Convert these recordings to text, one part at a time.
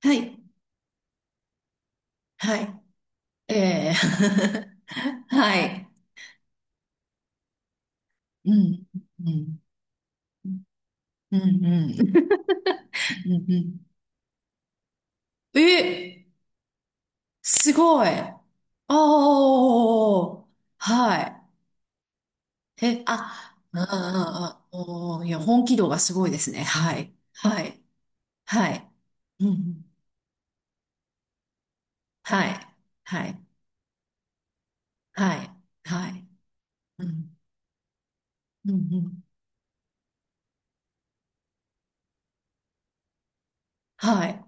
はい。はい。ええ はい。うん。うん。うん。うん。うんうん、え、すごい。おー。はい。え、あ、ああ、あ、おー、いや、本気度がすごいですね。はい。はい。はい。うん。はい。はい。はい。はい。うん。うん。うん。はい。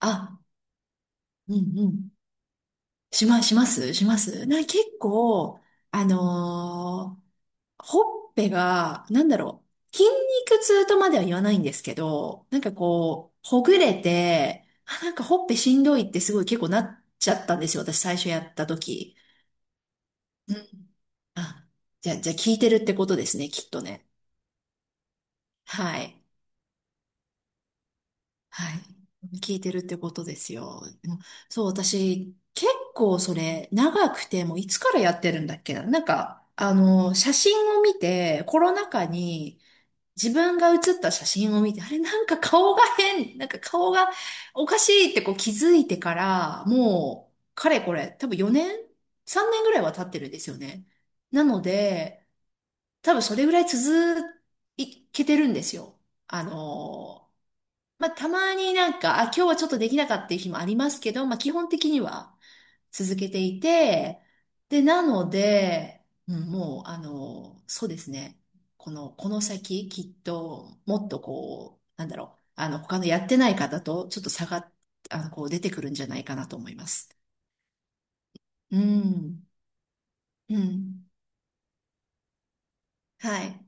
あ、うん。うん。しま、しますします、な、結構、あのーほっぺが、なんだろう、筋肉痛とまでは言わないんですけど、なんかこう、ほぐれて、あ、なんかほっぺしんどいってすごい結構なっちゃったんですよ、私最初やった時。うん。あ、じゃあ、じゃあ聞いてるってことですね、きっとね。はい。はい。聞いてるってことですよ。でもそう、私、結構それ、長くて、もういつからやってるんだっけな。なんか、写真を見て、コロナ禍に、自分が写った写真を見て、あれなんか顔が変、なんか顔がおかしいってこう気づいてから、もう、かれこれ、多分4年 ?3 年ぐらいは経ってるんですよね。なので、多分それぐらい続いけてるんですよ。あのーまあ、たまになんか、あ、今日はちょっとできなかったっていう日もありますけど、まあ、基本的には。続けていて、で、なので、うん、もう、そうですね。この、この先、きっと、もっとこう、なんだろう、他のやってない方と、ちょっと差が、こう、出てくるんじゃないかなと思います。うん。うん。はい。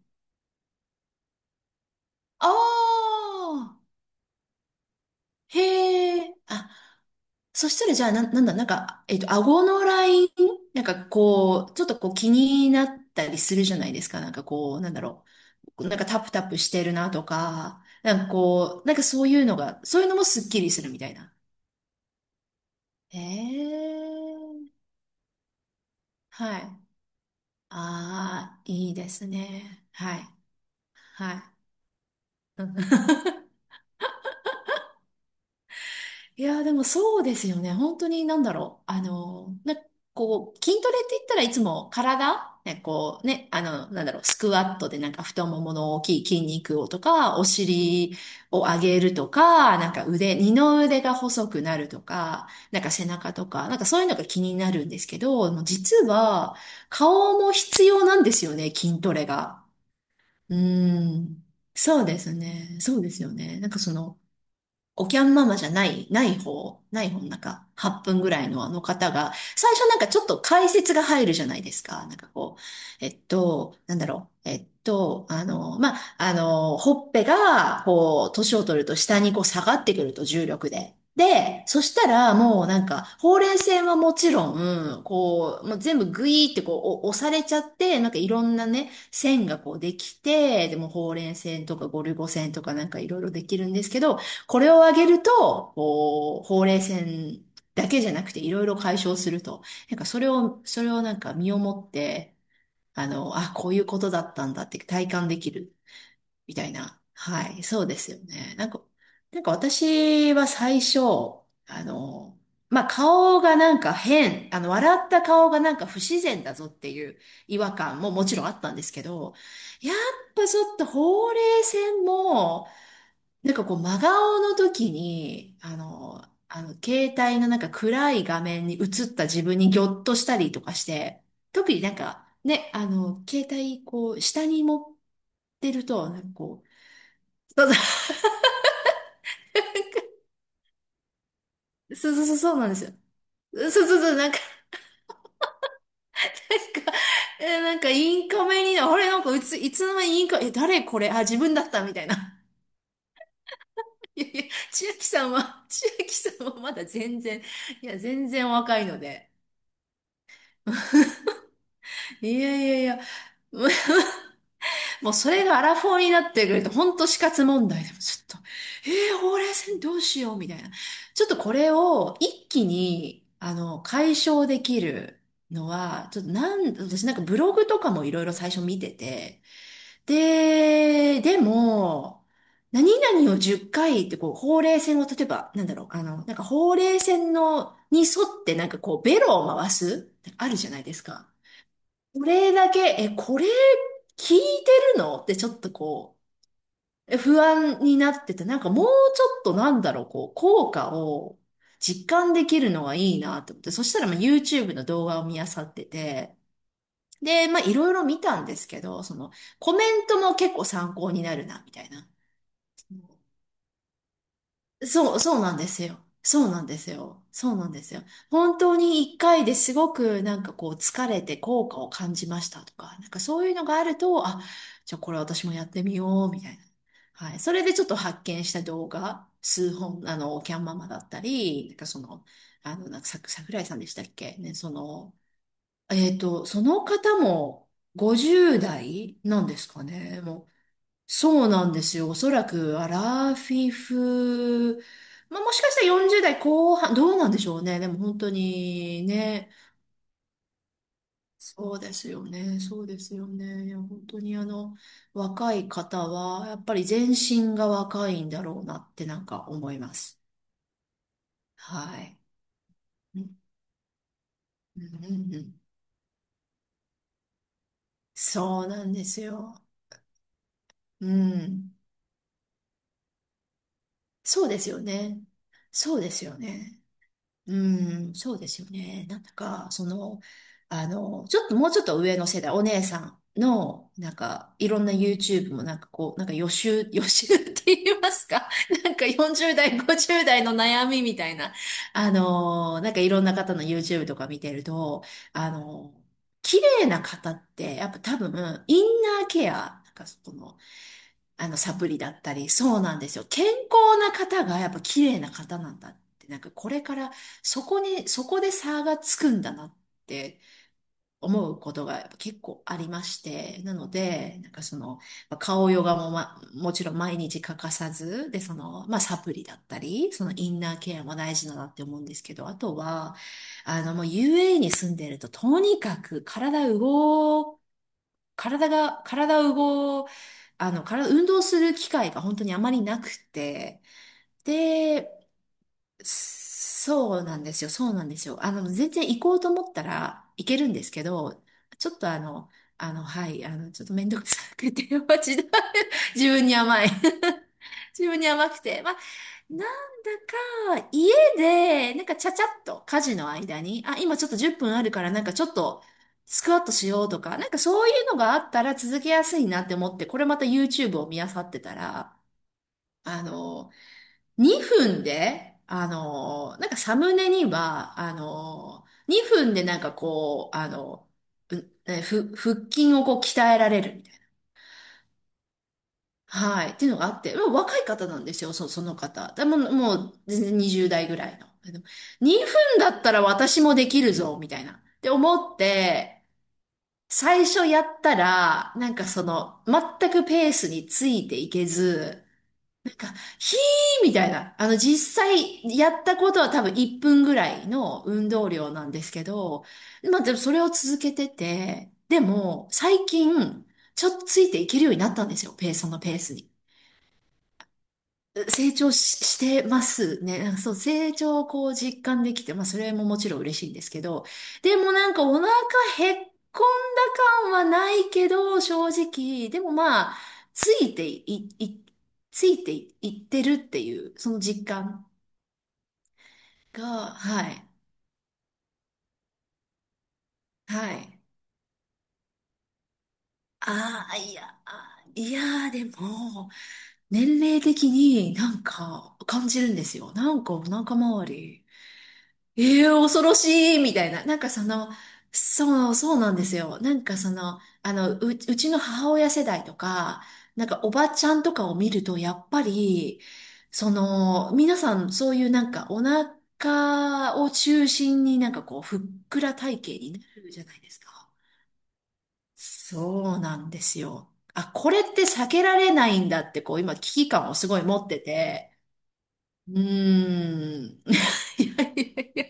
ああ、へえ。あ、そしたら、じゃあ、な、なんだ、なんか、顎のラインなんかこう、ちょっとこう気になったりするじゃないですか。なんかこう、なんだろう。なんかタプタプしてるなとか、なんかこう、なんかそういうのが、そういうのもスッキリするみたいな。ええ。はい。ああ、いいですね。はい。はい。うん いやー、でもそうですよね。本当になんだろう。な、こう、筋トレって言ったらいつも体、ね、こうね、なんだろう、スクワットでなんか太ももの大きい筋肉をとか、お尻を上げるとか、なんか腕、二の腕が細くなるとか、なんか背中とか、なんかそういうのが気になるんですけど、もう実は顔も必要なんですよね、筋トレが。うーん。そうですね。そうですよね。なんかその、おきゃんママじゃない、ない方、ない方の中、8分ぐらいのあの方が、最初なんかちょっと解説が入るじゃないですか。なんかこう、なんだろう。まあ、ほっぺが、こう、年を取ると下にこう下がってくると重力で。で、そしたらもうなんか、ほうれい線はもちろん、こう、もう全部グイーってこうお押されちゃって、なんかいろんなね、線がこうできて、でもほうれい線とかゴルゴ線とかなんかいろいろできるんですけど、これをあげると、こう、ほうれい線だけじゃなくていろいろ解消すると。なんかそれを、それをなんか身をもって、あ、こういうことだったんだって体感できるみたいな。はい、そうですよね。なんか、なんか私は最初、あの、まあ、顔がなんか変、笑った顔がなんか不自然だぞっていう違和感ももちろんあったんですけど、やっぱちょっとほうれい線も、なんかこう、真顔の時に、携帯のなんか暗い画面に映った自分にギョッとしたりとかして、特になんか、ね、携帯、こう、下に持ってると、なんかこう、そうなんですよ。そうそうそう、なんか、え、なんかインカメにな、あれ、なんかいつ、いつの間にインカメ、え、誰これ、あ、自分だったみたいな。いやいや、千秋さんは、千秋さんはまだ全然、いや、全然お若いので。いやいやいや、もうそれがアラフォーになってくると、ほんと死活問題でもちょっと、えー、ほうれい線どうしようみたいな。ちょっとこれを一気に、解消できるのは、ちょっとなん、私なんかブログとかもいろいろ最初見てて、で、でも、何々を10回っかいってこう、ほうれい線を例えば、なんだろう、なんかほうれい線の、に沿ってなんかこう、ベロを回す、あるじゃないですか。これだけ、え、これ聞いてるのってちょっとこう、え不安になってて、なんかもうちょっとなんだろう、こう、効果を実感できるのがいいなと思って、そしたらまあ YouTube の動画を見漁ってて、で、まあいろいろ見たんですけど、そのコメントも結構参考になるな、みたいな。そう、そうなんですよ。そうなんですよ。そうなんですよ。本当に一回ですごくなんかこう疲れて効果を感じましたとか、なんかそういうのがあると、あ、じゃあこれ私もやってみようみたいな。はい。それでちょっと発見した動画、数本、キャンママだったり、なんかその、なんかさ、桜井さんでしたっけね、その、その方も50代なんですかね。もうそうなんですよ。おそらく、アラフィフ、まあ、もしかしたら40代後半、どうなんでしょうね。でも本当にね、そうですよね。そうですよね。いや、本当にあの、若い方は、やっぱり全身が若いんだろうなってなんか思います。はい。うんうんうんうん、そうなんですよ。うん。そうですよね。そうですよね。うん、そうですよね。なんだか、その、ちょっともうちょっと上の世代、お姉さんの、なんか、いろんな YouTube もなんかこう、なんか予習、予習って言いますか なんか40代、50代の悩みみたいな、なんかいろんな方の YouTube とか見てると、あの、綺麗な方って、やっぱ多分、インナーケア、なんかその、サプリだったり、そうなんですよ。健康な方がやっぱ綺麗な方なんだって、なんかこれからそこに、そこで差がつくんだなって思うことがやっぱ結構ありまして、なので、なんかその、まあ顔ヨガも、ま、もちろん毎日欠かさず、で、その、まあ、サプリだったり、そのインナーケアも大事だなって思うんですけど、あとは、もう UAE に住んでると、とにかく体動、体が、体動、体、運動する機会が本当にあまりなくて、で、そうなんですよ、そうなんですよ。全然行こうと思ったら行けるんですけど、ちょっとあの、ちょっとめんどくさくて、私、自分に甘い。自分に甘くて。まあ、なんだか、家で、なんかちゃちゃっと家事の間に、あ、今ちょっと10分あるから、なんかちょっと、スクワットしようとか、なんかそういうのがあったら続けやすいなって思って、これまた YouTube を見漁ってたら、あの、2分で、なんかサムネには、2分でなんかこう、うえふ、腹筋をこう鍛えられるみたいな。はい。っていうのがあって、もう若い方なんですよ、そ、その方。でも、もう全然20代ぐらいの。でも2分だったら私もできるぞ、みたいな。って思って、最初やったら、なんかその、全くペースについていけず、なんか、ひーみたいな。実際やったことは多分1分ぐらいの運動量なんですけど、まあでもそれを続けてて、でも最近、ちょっとついていけるようになったんですよ、ペース、そのペースに。成長し、してますね。なんかそう、成長をこう実感できて、まあそれももちろん嬉しいんですけど、でもなんかお腹へっこんだ感はないけど、正直、でもまあ、ついてい、い、ついてい、いってるっていう、その実感が、はい、はい。ああ、いや、あーいやー、でも、年齢的になんか感じるんですよ。なんかお腹周り。ええ恐ろしいみたいな。なんかその、そう、そうなんですよ。なんかその、う、うちの母親世代とか、なんかおばちゃんとかを見ると、やっぱり、その、皆さんそういうなんかお腹を中心になんかこう、ふっくら体型になるじゃないですか。そうなんですよ。あ、これって避けられないんだって、こう、今危機感をすごい持ってて。うーん。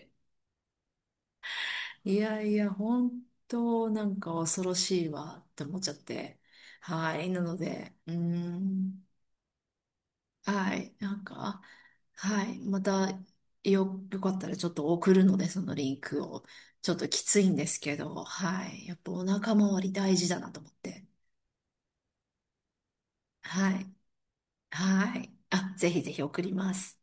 いやいや、本当なんか恐ろしいわって思っちゃって。はい。なので、うーん。はい。なんか、はい。また、よ、よかったらちょっと送るので、そのリンクを。ちょっときついんですけど、はい。やっぱお腹周り大事だなと思って。はい。はい。あ、ぜひぜひ送ります。